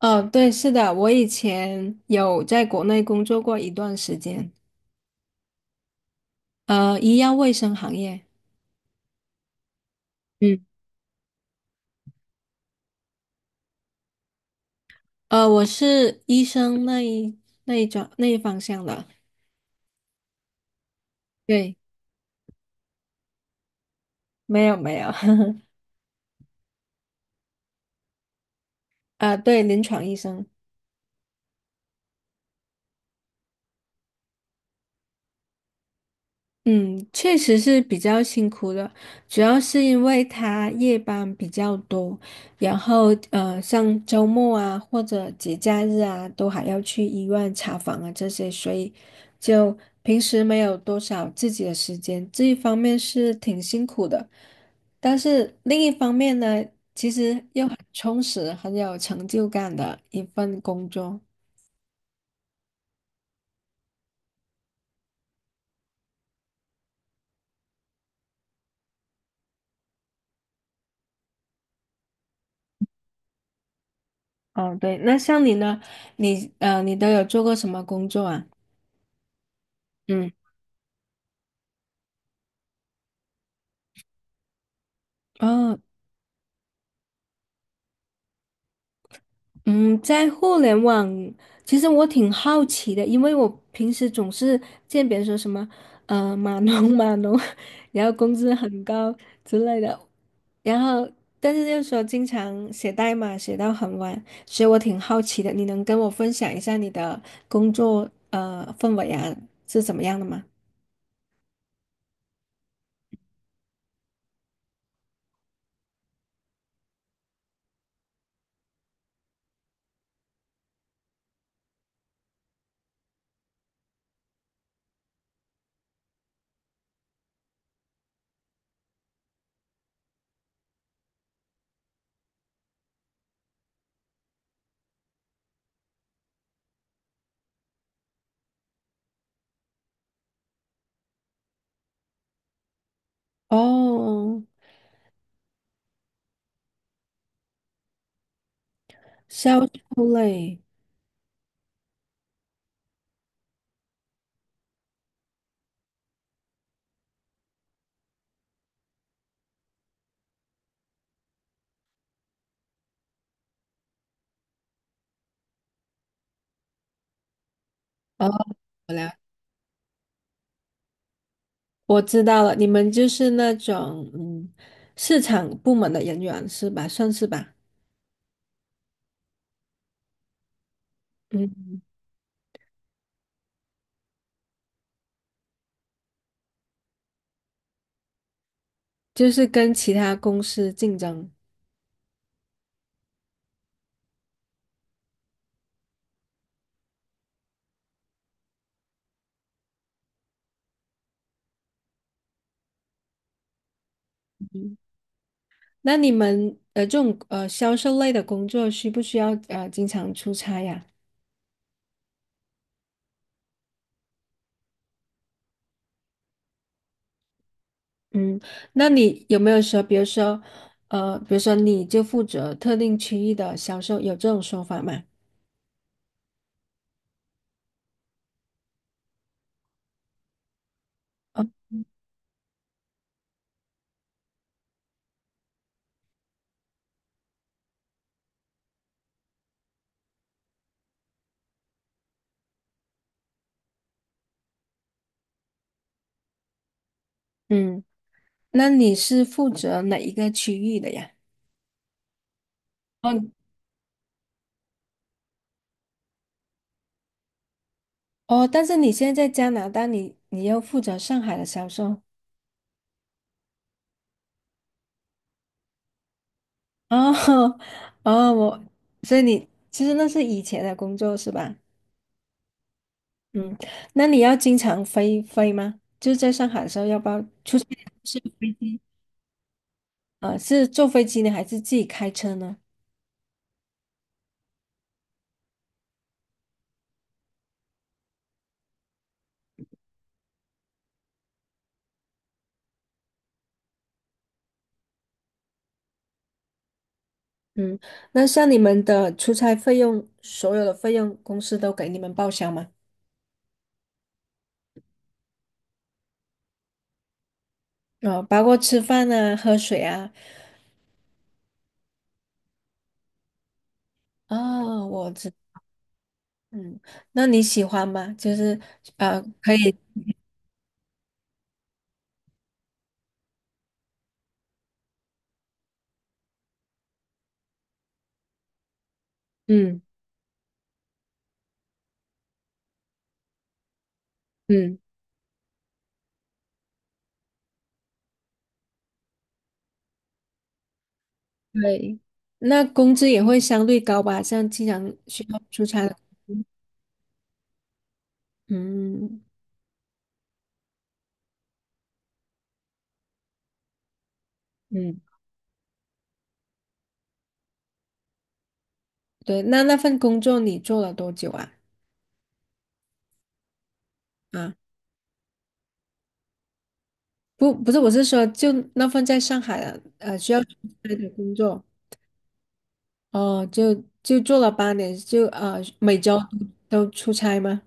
哦，对，是的，我以前有在国内工作过一段时间，医药卫生行业，嗯，我是医生那一方向的，对，没有没有，啊，对，临床医生。嗯，确实是比较辛苦的，主要是因为他夜班比较多，然后像周末啊或者节假日啊，都还要去医院查房啊这些，所以就平时没有多少自己的时间，这一方面是挺辛苦的，但是另一方面呢，其实又很充实、很有成就感的一份工作。哦，对，那像你呢？你都有做过什么工作啊？嗯。哦，嗯，在互联网，其实我挺好奇的，因为我平时总是见别人说什么，码农码农，然后工资很高之类的，然后但是又说经常写代码写到很晚，所以我挺好奇的，你能跟我分享一下你的工作氛围啊是怎么样的吗？哦，销售类，哦，我知道了，你们就是那种市场部门的人员是吧？算是吧，嗯，就是跟其他公司竞争。嗯，那你们这种销售类的工作需不需要经常出差呀？嗯，那你有没有说，比如说你就负责特定区域的销售，有这种说法吗？嗯，那你是负责哪一个区域的呀？哦哦，但是你现在在加拿大，你要负责上海的销售。哦 哦，所以你其实那是以前的工作是吧？嗯，那你要经常飞飞吗？就是在上海的时候，要不要？是是坐飞机呢，还是自己开车呢？嗯，那像你们的出差费用，所有的费用公司都给你们报销吗？哦，包括吃饭啊、喝水啊。哦，嗯，那你喜欢吗？就是可以，嗯嗯。对，那工资也会相对高吧？像经常需要出差的，嗯嗯，对。那份工作你做了多久啊？啊，不是，我是说，就那份在上海的，呃，需要出差的工作，哦，就做了八年，每周都出差吗？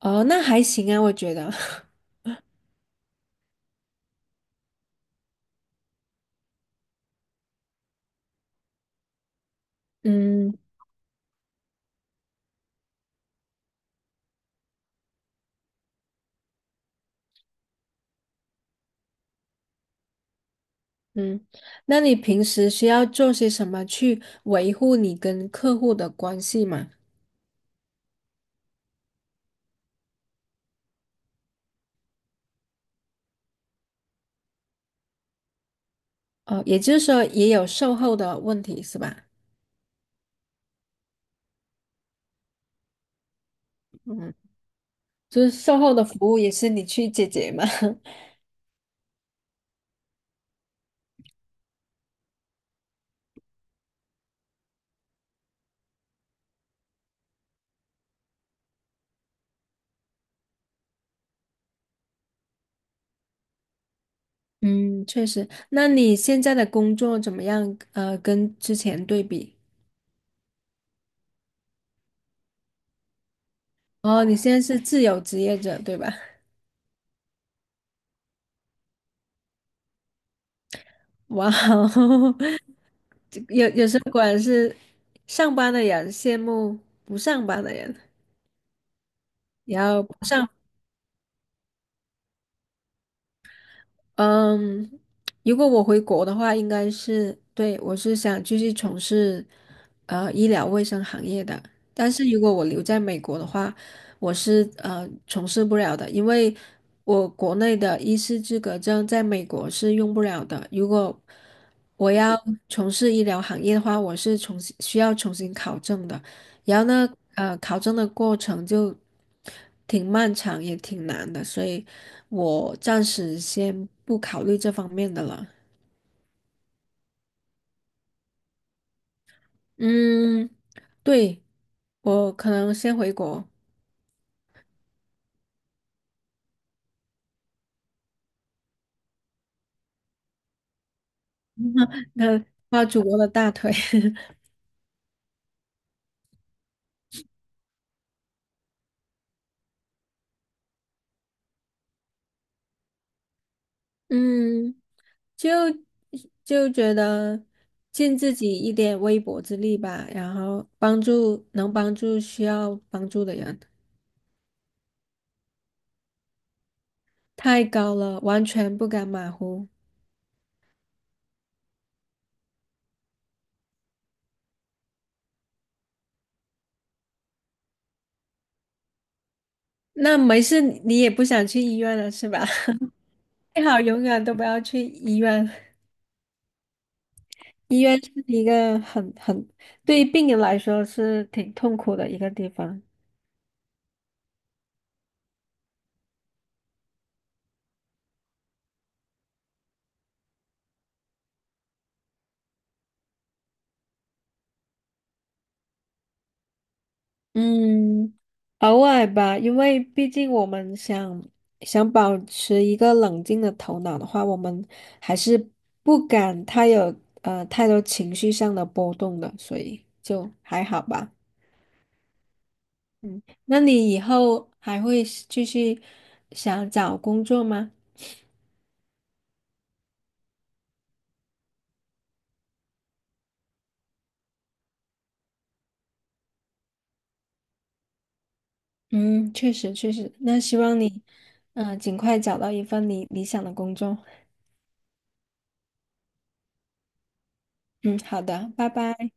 哦，那还行啊，我觉得。嗯嗯，那你平时需要做些什么去维护你跟客户的关系吗？哦，也就是说也有售后的问题是吧？嗯，就是售后的服务也是你去解决嘛。嗯，确实。那你现在的工作怎么样？跟之前对比？哦，你现在是自由职业者，对吧？哇哦，这有时候果然是上班的人羡慕不上班的人，然后不上嗯，如果我回国的话，应该是，对，我是想继续从事医疗卫生行业的。但是如果我留在美国的话，我是从事不了的，因为我国内的医师资格证在美国是用不了的。如果我要从事医疗行业的话，我是需要重新考证的。然后呢，考证的过程就挺漫长，也挺难的，所以我暂时先不考虑这方面的了。嗯，对，我可能先回国，那抱祖国的大腿。嗯，就就觉得尽自己一点微薄之力吧，然后能帮助需要帮助的人，太高了，完全不敢马虎。那没事，你也不想去医院了是吧？最好永远都不要去医院，医院是一个很，对于病人来说是挺痛苦的一个地方。嗯，偶尔吧，因为毕竟我们想保持一个冷静的头脑的话，我们还是不敢太多情绪上的波动的，所以就还好吧。嗯，那你以后还会继续想找工作吗？嗯，确实确实，那希望你，尽快找到一份你理想的工作。嗯，好的，拜拜。